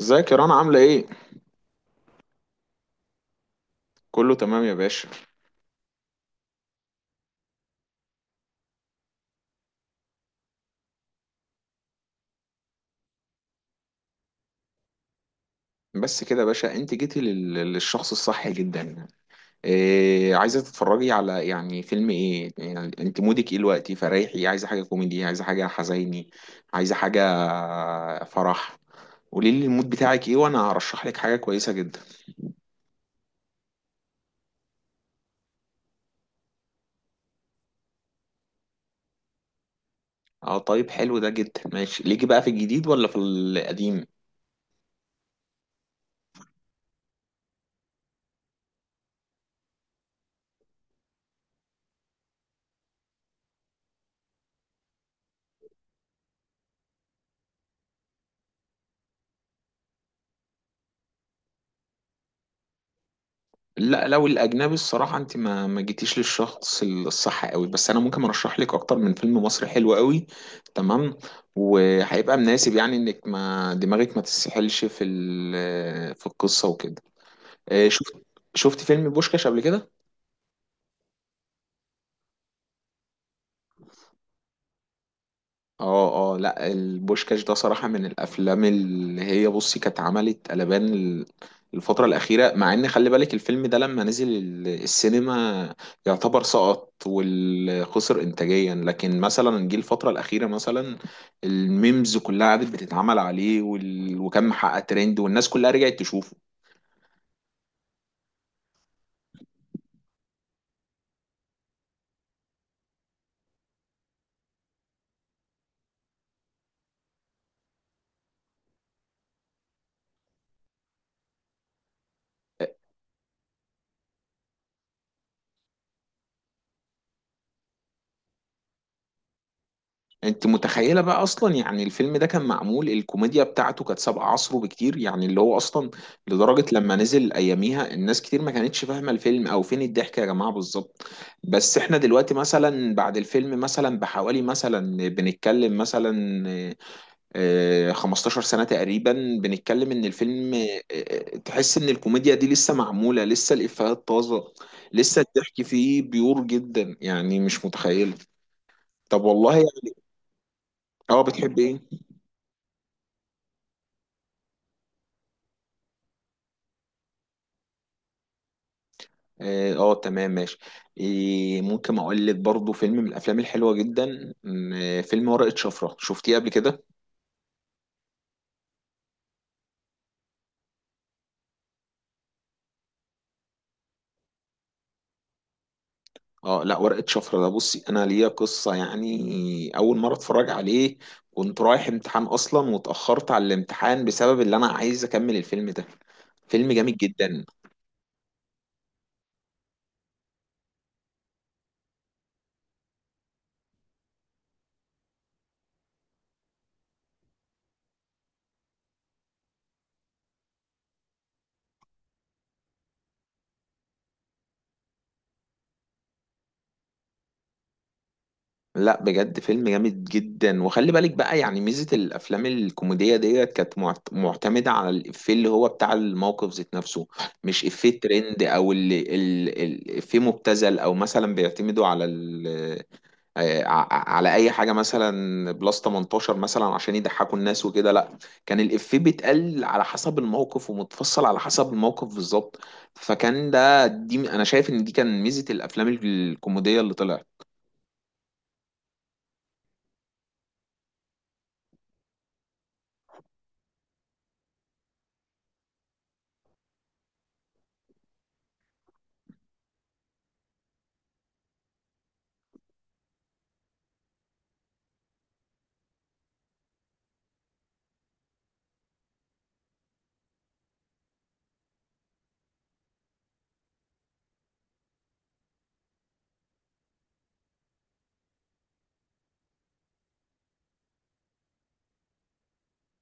ازيك يا رنا عاملة ايه؟ كله تمام يا باشا. بس كده يا باشا، انت جيتي للشخص الصح جدا. إيه عايزة تتفرجي على يعني فيلم ايه؟ يعني انت مودك ايه دلوقتي؟ فريحي، عايزة حاجة كوميدي، عايزة حاجة حزيني، عايزة حاجة فرح. قولي لي المود بتاعك ايه وانا هرشح لك حاجة كويسة جدا. اه طيب، حلو ده جدا. ماشي ليكي بقى في الجديد ولا في القديم؟ لا لو الاجنبي الصراحه، انت ما جيتيش للشخص الصح قوي، بس انا ممكن ارشح لك اكتر من فيلم مصري حلو قوي. تمام، وهيبقى مناسب، يعني انك ما دماغك ما تسحلش في القصه وكده. شفت، شفت فيلم بوشكاش قبل كده؟ اه اه، لا البوشكاش ده صراحة من الافلام اللي هي، بصي، كانت عملت قلبان الفترة الأخيرة، مع إن خلي بالك الفيلم ده لما نزل السينما يعتبر سقط وخسر إنتاجيا، لكن مثلا جه الفترة الأخيرة مثلا الميمز كلها قعدت بتتعمل عليه، وكان محقق ترند والناس كلها رجعت تشوفه. انت متخيله بقى اصلا؟ يعني الفيلم ده كان معمول، الكوميديا بتاعته كانت سابقه عصره بكتير، يعني اللي هو اصلا لدرجه لما نزل اياميها الناس كتير ما كانتش فاهمه الفيلم او فين الضحك يا جماعه بالظبط. بس احنا دلوقتي مثلا بعد الفيلم مثلا بحوالي مثلا، بنتكلم مثلا 15 سنه تقريبا، بنتكلم ان الفيلم تحس ان الكوميديا دي لسه معموله، لسه الافيهات طازه، لسه الضحك فيه بيور جدا. يعني مش متخيله. طب والله يعني، اه بتحب ايه؟ اه تمام ماشي. إيه، ممكن اقول لك برضو فيلم من الافلام الحلوه جدا، م، آه، فيلم ورقه شفره، شفتيه قبل كده؟ اه، لا ورقه شفره ده بصي، انا ليا قصه. يعني اول مره اتفرج عليه كنت رايح امتحان اصلا، واتاخرت على الامتحان بسبب اللي انا عايز اكمل الفيلم ده. فيلم جامد جدا. لا بجد، فيلم جامد جدا. وخلي بالك بقى، يعني ميزة الأفلام الكوميدية ديت كانت معتمدة على الإفيه اللي هو بتاع الموقف ذات نفسه، مش إفيه ترند أو اللي إفيه مبتذل، أو مثلا بيعتمدوا على آه، ع- على أي حاجة مثلا بلس 18 مثلا عشان يضحكوا الناس وكده. لا، كان الإفيه بيتقال على حسب الموقف ومتفصل على حسب الموقف بالظبط. فكان ده، دي أنا شايف إن دي كان ميزة الأفلام الكوميدية اللي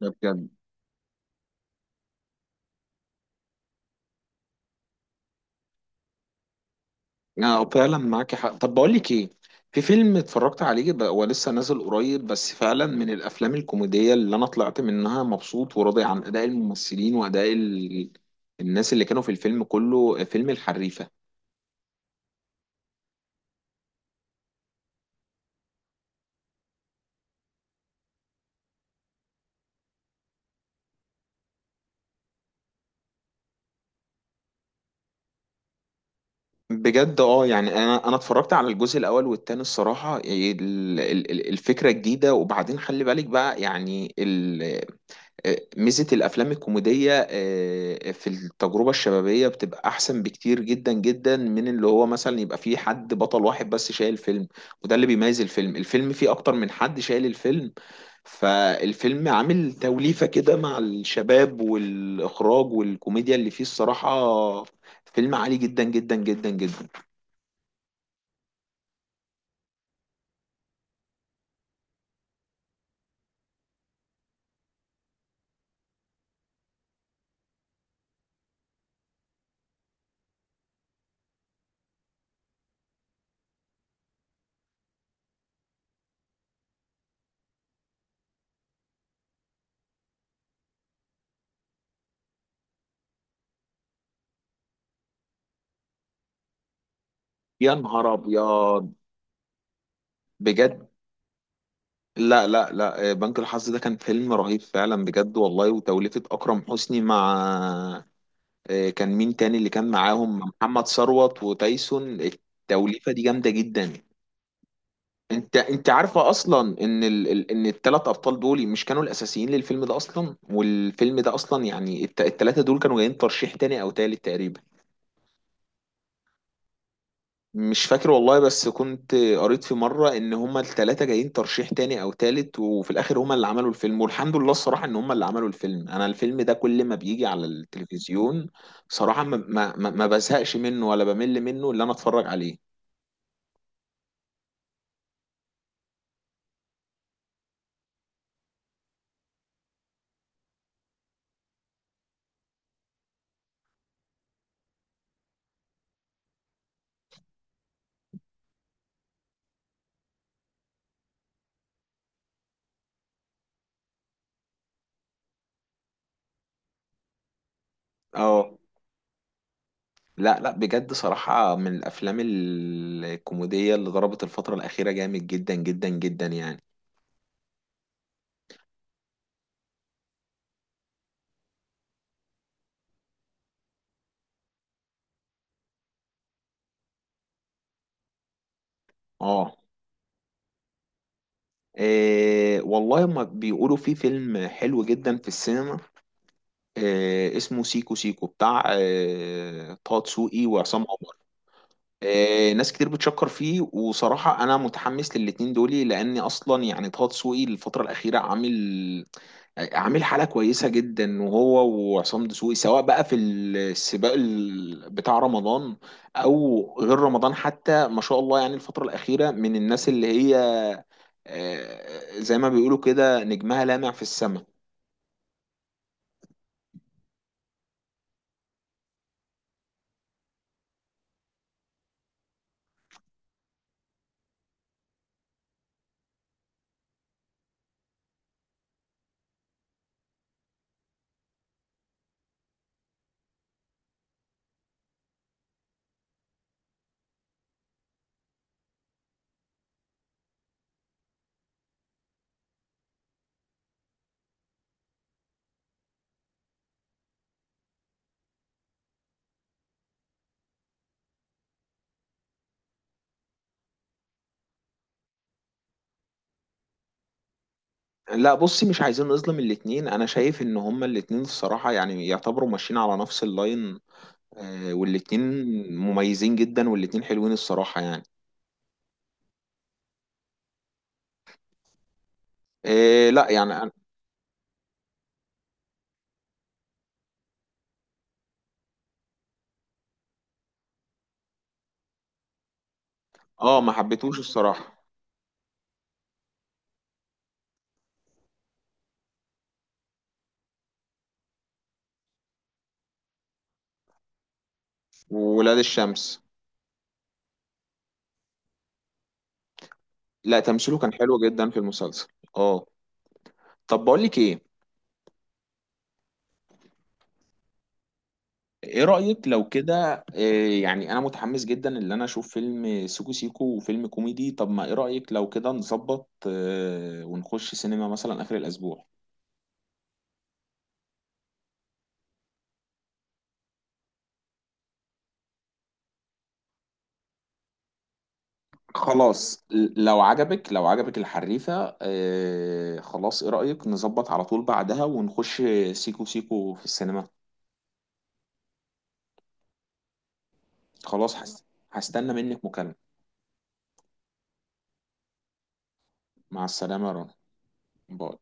طلعت. اه فعلا معاك حق. طب بقول لك ايه، في فيلم اتفرجت عليه بقى، هو لسه نازل قريب، بس فعلا من الافلام الكوميديه اللي انا طلعت منها مبسوط وراضي عن اداء الممثلين واداء الناس اللي كانوا في الفيلم كله، فيلم الحريفه. بجد اه، يعني انا اتفرجت على الجزء الاول والتاني، الصراحه الفكره جديده، وبعدين خلي بالك بقى يعني ميزة الأفلام الكوميدية في التجربة الشبابية بتبقى أحسن بكتير جدا جدا من اللي هو مثلا يبقى فيه حد بطل واحد بس شايل فيلم، وده اللي بيميز الفيلم. الفيلم فيه أكتر من حد شايل الفيلم، فالفيلم عامل توليفة كده مع الشباب والإخراج والكوميديا اللي فيه، الصراحة فيلم عالي جدا جدا جدا جدا. يا نهار أبيض! بجد، لا لا لا، بنك الحظ ده كان فيلم رهيب فعلا بجد والله. وتوليفة أكرم حسني مع كان مين تاني اللي كان معاهم، محمد ثروت وتايسون، التوليفه دي جامده جدا. انت عارفه اصلا ان ان الثلاث ابطال دول مش كانوا الاساسيين للفيلم ده اصلا؟ والفيلم ده اصلا، يعني الثلاثه دول كانوا جايين ترشيح تاني او تالت تقريبا. مش فاكر والله، بس كنت قريت في مرة ان هما التلاتة جايين ترشيح تاني او تالت، وفي الاخر هما اللي عملوا الفيلم. والحمد لله الصراحة ان هما اللي عملوا الفيلم. انا الفيلم ده كل ما بيجي على التلفزيون، صراحة ما بزهقش منه ولا بمل منه اللي انا اتفرج عليه. اه. لا لا بجد، صراحة من الافلام الكوميدية اللي ضربت الفترة الاخيرة جامد جدا جدا جدا يعني. اه. إيه والله، ما بيقولوا في فيلم حلو جدا في السينما، اسمه سيكو سيكو، بتاع طه دسوقي وعصام عمر. ناس كتير بتشكر فيه. وصراحة أنا متحمس للاتنين دولي، لأني أصلا يعني طه دسوقي الفترة الأخيرة عامل، عامل حالة كويسة جدا. وهو وعصام دسوقي، سواء بقى في السباق بتاع رمضان أو غير رمضان حتى، ما شاء الله. يعني الفترة الأخيرة من الناس اللي هي زي ما بيقولوا كده نجمها لامع في السماء. لا بصي، مش عايزين نظلم الاتنين. انا شايف ان هما الاتنين الصراحة يعني يعتبروا ماشيين على نفس اللاين. والاتنين مميزين جدا، والاتنين حلوين الصراحة. يعني آه، لا يعني أنا- اه ما حبيتهوش الصراحة. وولاد الشمس، لا تمثيله كان حلو جدا في المسلسل. اه. طب بقول لك ايه، ايه رأيك لو كده، يعني انا متحمس جدا ان انا اشوف فيلم سيكو سيكو وفيلم كوميدي. طب ما ايه رأيك لو كده نظبط، ونخش سينما مثلا اخر الاسبوع؟ خلاص، لو عجبك، لو عجبك الحريفة، آه خلاص، ايه رأيك نظبط على طول بعدها ونخش سيكو سيكو في السينما؟ خلاص. هستنى منك مكالمة. مع السلامة يا رنا. باي.